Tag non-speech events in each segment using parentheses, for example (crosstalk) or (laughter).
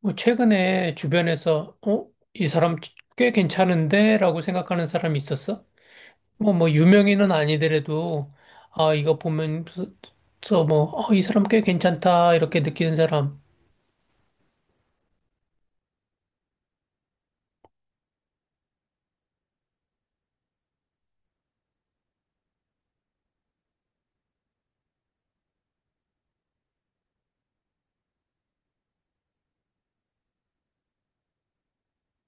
뭐 최근에 주변에서 어? 이 사람 꽤 괜찮은데? 라고 생각하는 사람이 있었어? 뭐, 유명인은 아니더라도, 아, 이거 보면, 서 뭐, 어, 이 사람 꽤 괜찮다, 이렇게 느끼는 사람,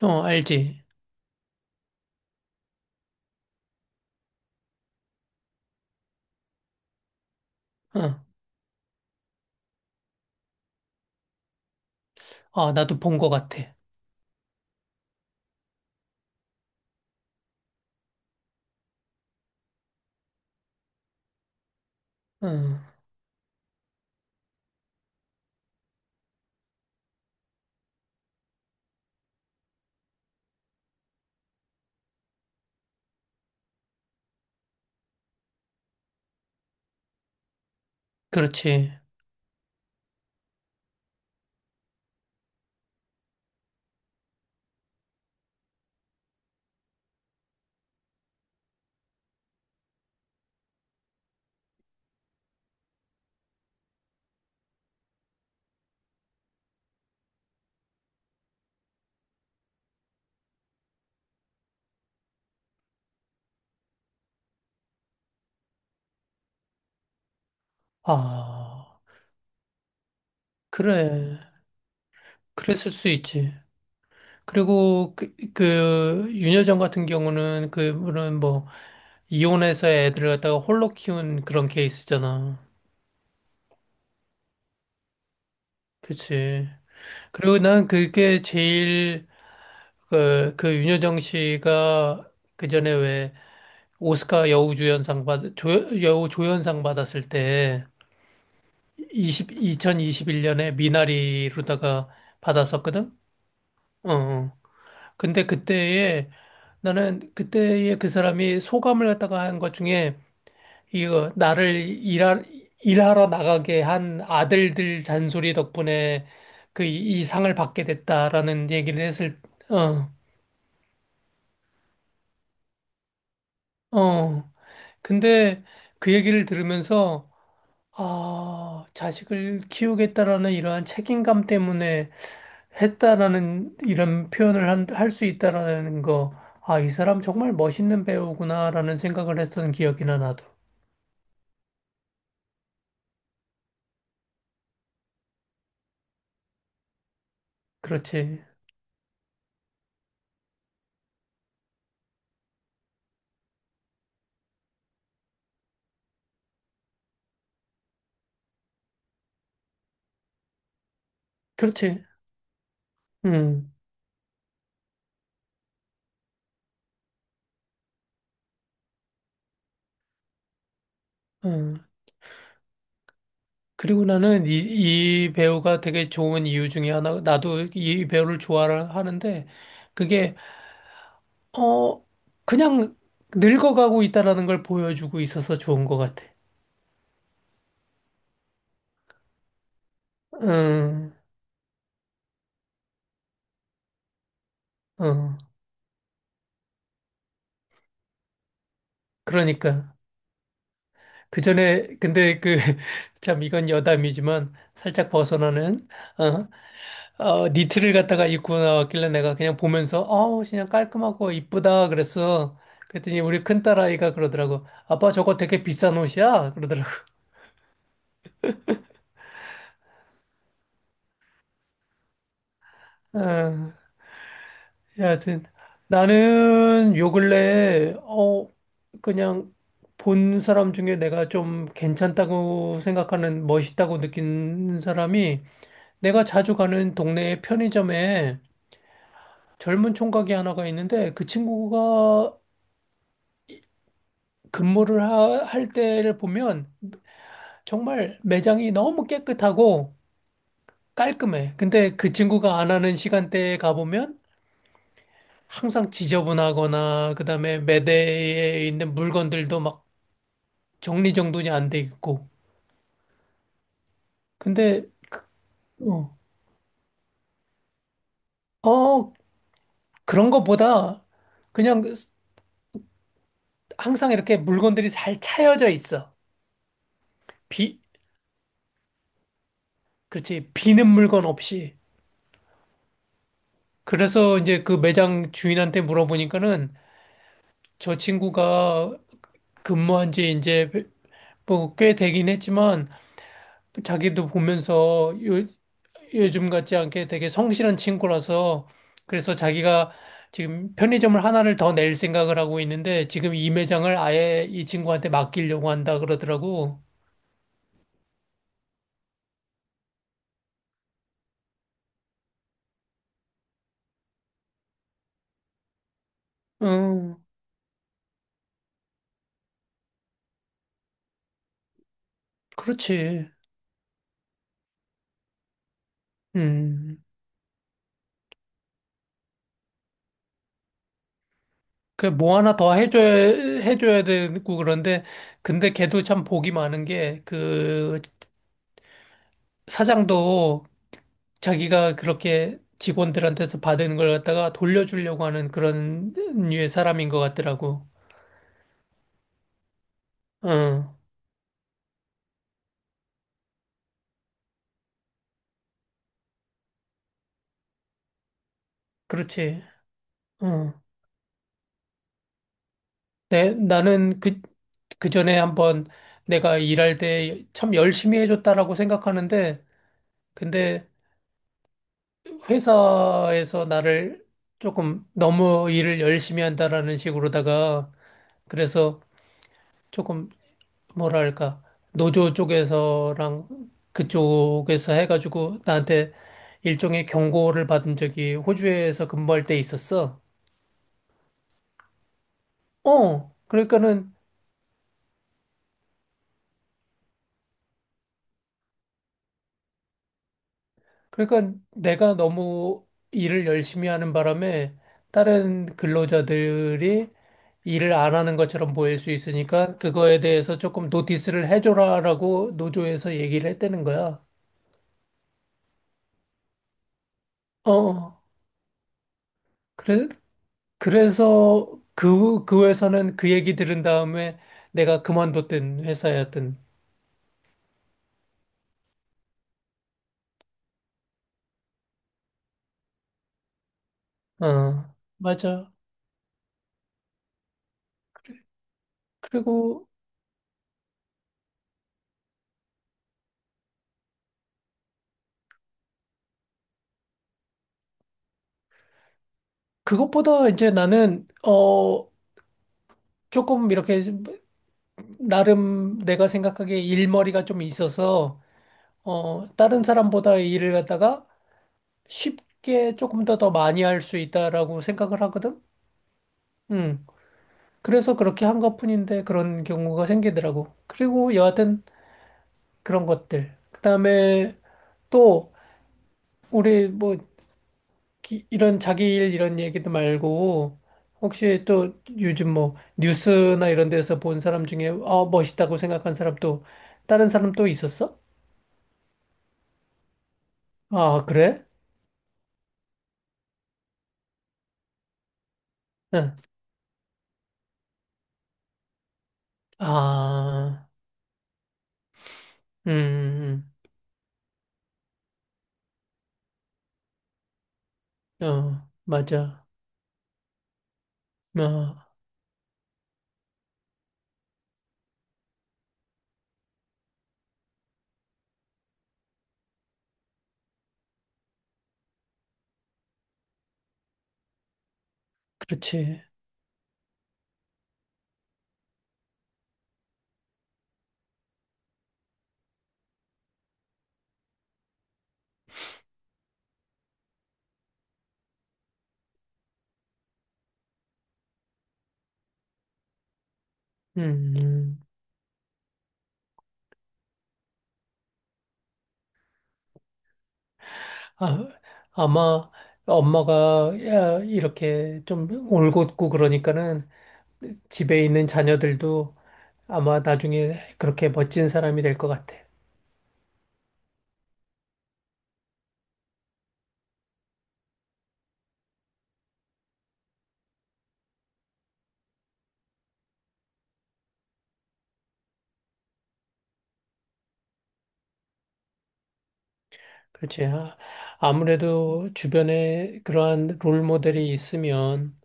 어, 알지? 어, 아, 나도 본 것 같아. 응, 그렇지. 아, 그래. 그랬을 수 있지. 그리고 그 윤여정 같은 경우는 그분은 뭐 이혼해서 애들을 갖다가 홀로 키운 그런 케이스잖아. 그치. 그리고 난 그게 제일 그 윤여정 씨가 그 전에 왜 오스카 여우 조연상 받았을 때 20, 2021년에 미나리로다가 받았었거든? 어. 어. 근데 그때에 나는 그때에 그 사람이 소감을 갖다가 한 것 중에 이거 나를 일하러 나가게 한 아들들 잔소리 덕분에 그 이 상을 받게 됐다라는 얘기를 했을. 어, 어. 근데 그 얘기를 들으면서 아, 자식을 키우겠다라는 이러한 책임감 때문에 했다라는 이런 표현을 할 수 있다라는 거. 아, 이 사람 정말 멋있는 배우구나라는 생각을 했던 기억이나 나도. 그렇지. 그렇지. 음. 음. 그리고 나는 이 배우가 되게 좋은 이유 중에 하나, 나도 이 배우를 좋아하는데, 그게, 어, 그냥 늙어가고 있다라는 걸 보여주고 있어서 좋은 것 같아. 응, 응. 그러니까. 그 전에, 근데 그, (laughs) 참, 이건 여담이지만, 살짝 벗어나는, 어, 니트를 갖다가 입고 나왔길래 내가 그냥 보면서, 어우, 그냥 깔끔하고 이쁘다, 그랬어. 그랬더니 우리 큰딸아이가 그러더라고. 아빠 저거 되게 비싼 옷이야? 그러더라고. 아, 여하튼 나는 요 근래 그냥 본 사람 중에 내가 좀 괜찮다고 생각하는 멋있다고 느낀 사람이, 내가 자주 가는 동네의 편의점에 젊은 총각이 하나가 있는데, 그 친구가 근무를 할 때를 보면 정말 매장이 너무 깨끗하고 깔끔해. 근데 그 친구가 안 하는 시간대에 가보면 항상 지저분하거나, 그다음에 매대에 있는 물건들도 막 정리정돈이 안 돼 있고. 근데 어, 어 그런 것보다 그냥 항상 이렇게 물건들이 잘 차여져 있어. 비 그렇지, 비는 물건 없이. 그래서 이제 그 매장 주인한테 물어보니까는 저 친구가 근무한 지 이제 뭐 꽤 되긴 했지만, 자기도 보면서 요 요즘 같지 않게 되게 성실한 친구라서, 그래서 자기가 지금 편의점을 하나를 더 낼 생각을 하고 있는데, 지금 이 매장을 아예 이 친구한테 맡기려고 한다 그러더라고. 음, 그렇지. 음. 그 뭐 하나 더 해줘야 되고 그런데, 근데 걔도 참 복이 많은 게, 그 사장도 자기가 그렇게 직원들한테서 받은 걸 갖다가 돌려주려고 하는 그런 류의 사람인 것 같더라고. 응, 그렇지. 응. 나는 그, 그 전에 한번 내가 일할 때 참 열심히 해줬다라고 생각하는데, 근데 회사에서 나를 조금 너무 일을 열심히 한다라는 식으로다가, 그래서 조금 뭐랄까, 노조 쪽에서랑 그쪽에서 해가지고 나한테 일종의 경고를 받은 적이 호주에서 근무할 때 있었어. 어, 그러니까는 그러니까 내가 너무 일을 열심히 하는 바람에 다른 근로자들이 일을 안 하는 것처럼 보일 수 있으니까, 그거에 대해서 조금 노티스를 해줘라라고 노조에서 얘기를 했다는 거야. 어, 그래, 그래서 그 회사는 그 얘기 들은 다음에 내가 그만뒀던 회사였던. 어, 맞아. 그리고 그것보다 이제 나는, 조금 이렇게 나름 내가 생각하기에 일머리가 좀 있어서, 다른 사람보다 일을 갖다가 쉽게 조금 더 많이 할 수 있다라고 생각을 하거든. 음. 그래서 그렇게 한 것뿐인데 그런 경우가 생기더라고. 그리고 여하튼 그런 것들. 그다음에 또 우리 뭐 이런 자기 일 이런 얘기도 말고, 혹시 또 요즘 뭐 뉴스나 이런 데서 본 사람 중에 아 멋있다고 생각한 사람, 또 다른 사람 또 있었어? 아, 그래? 응. 아, 음, 음, 어, 맞아. 어, 그렇지. 음, 음. 아, 아마 엄마가 야, 이렇게 좀 올곧고 그러니까는 집에 있는 자녀들도 아마 나중에 그렇게 멋진 사람이 될 것 같아. 그렇지. 아, 아무래도 주변에 그러한 롤 모델이 있으면,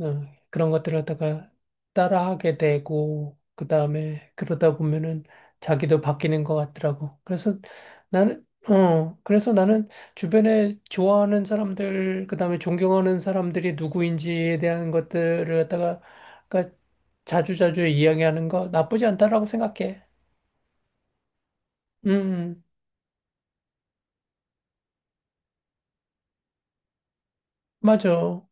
어, 그런 것들을 갖다가 따라하게 되고, 그 다음에 그러다 보면은 자기도 바뀌는 것 같더라고. 그래서 나는 주변에 좋아하는 사람들, 그 다음에 존경하는 사람들이 누구인지에 대한 것들을 갖다가, 그러니까 자주자주 이야기하는 거 나쁘지 않다라고 생각해. 음, 맞아.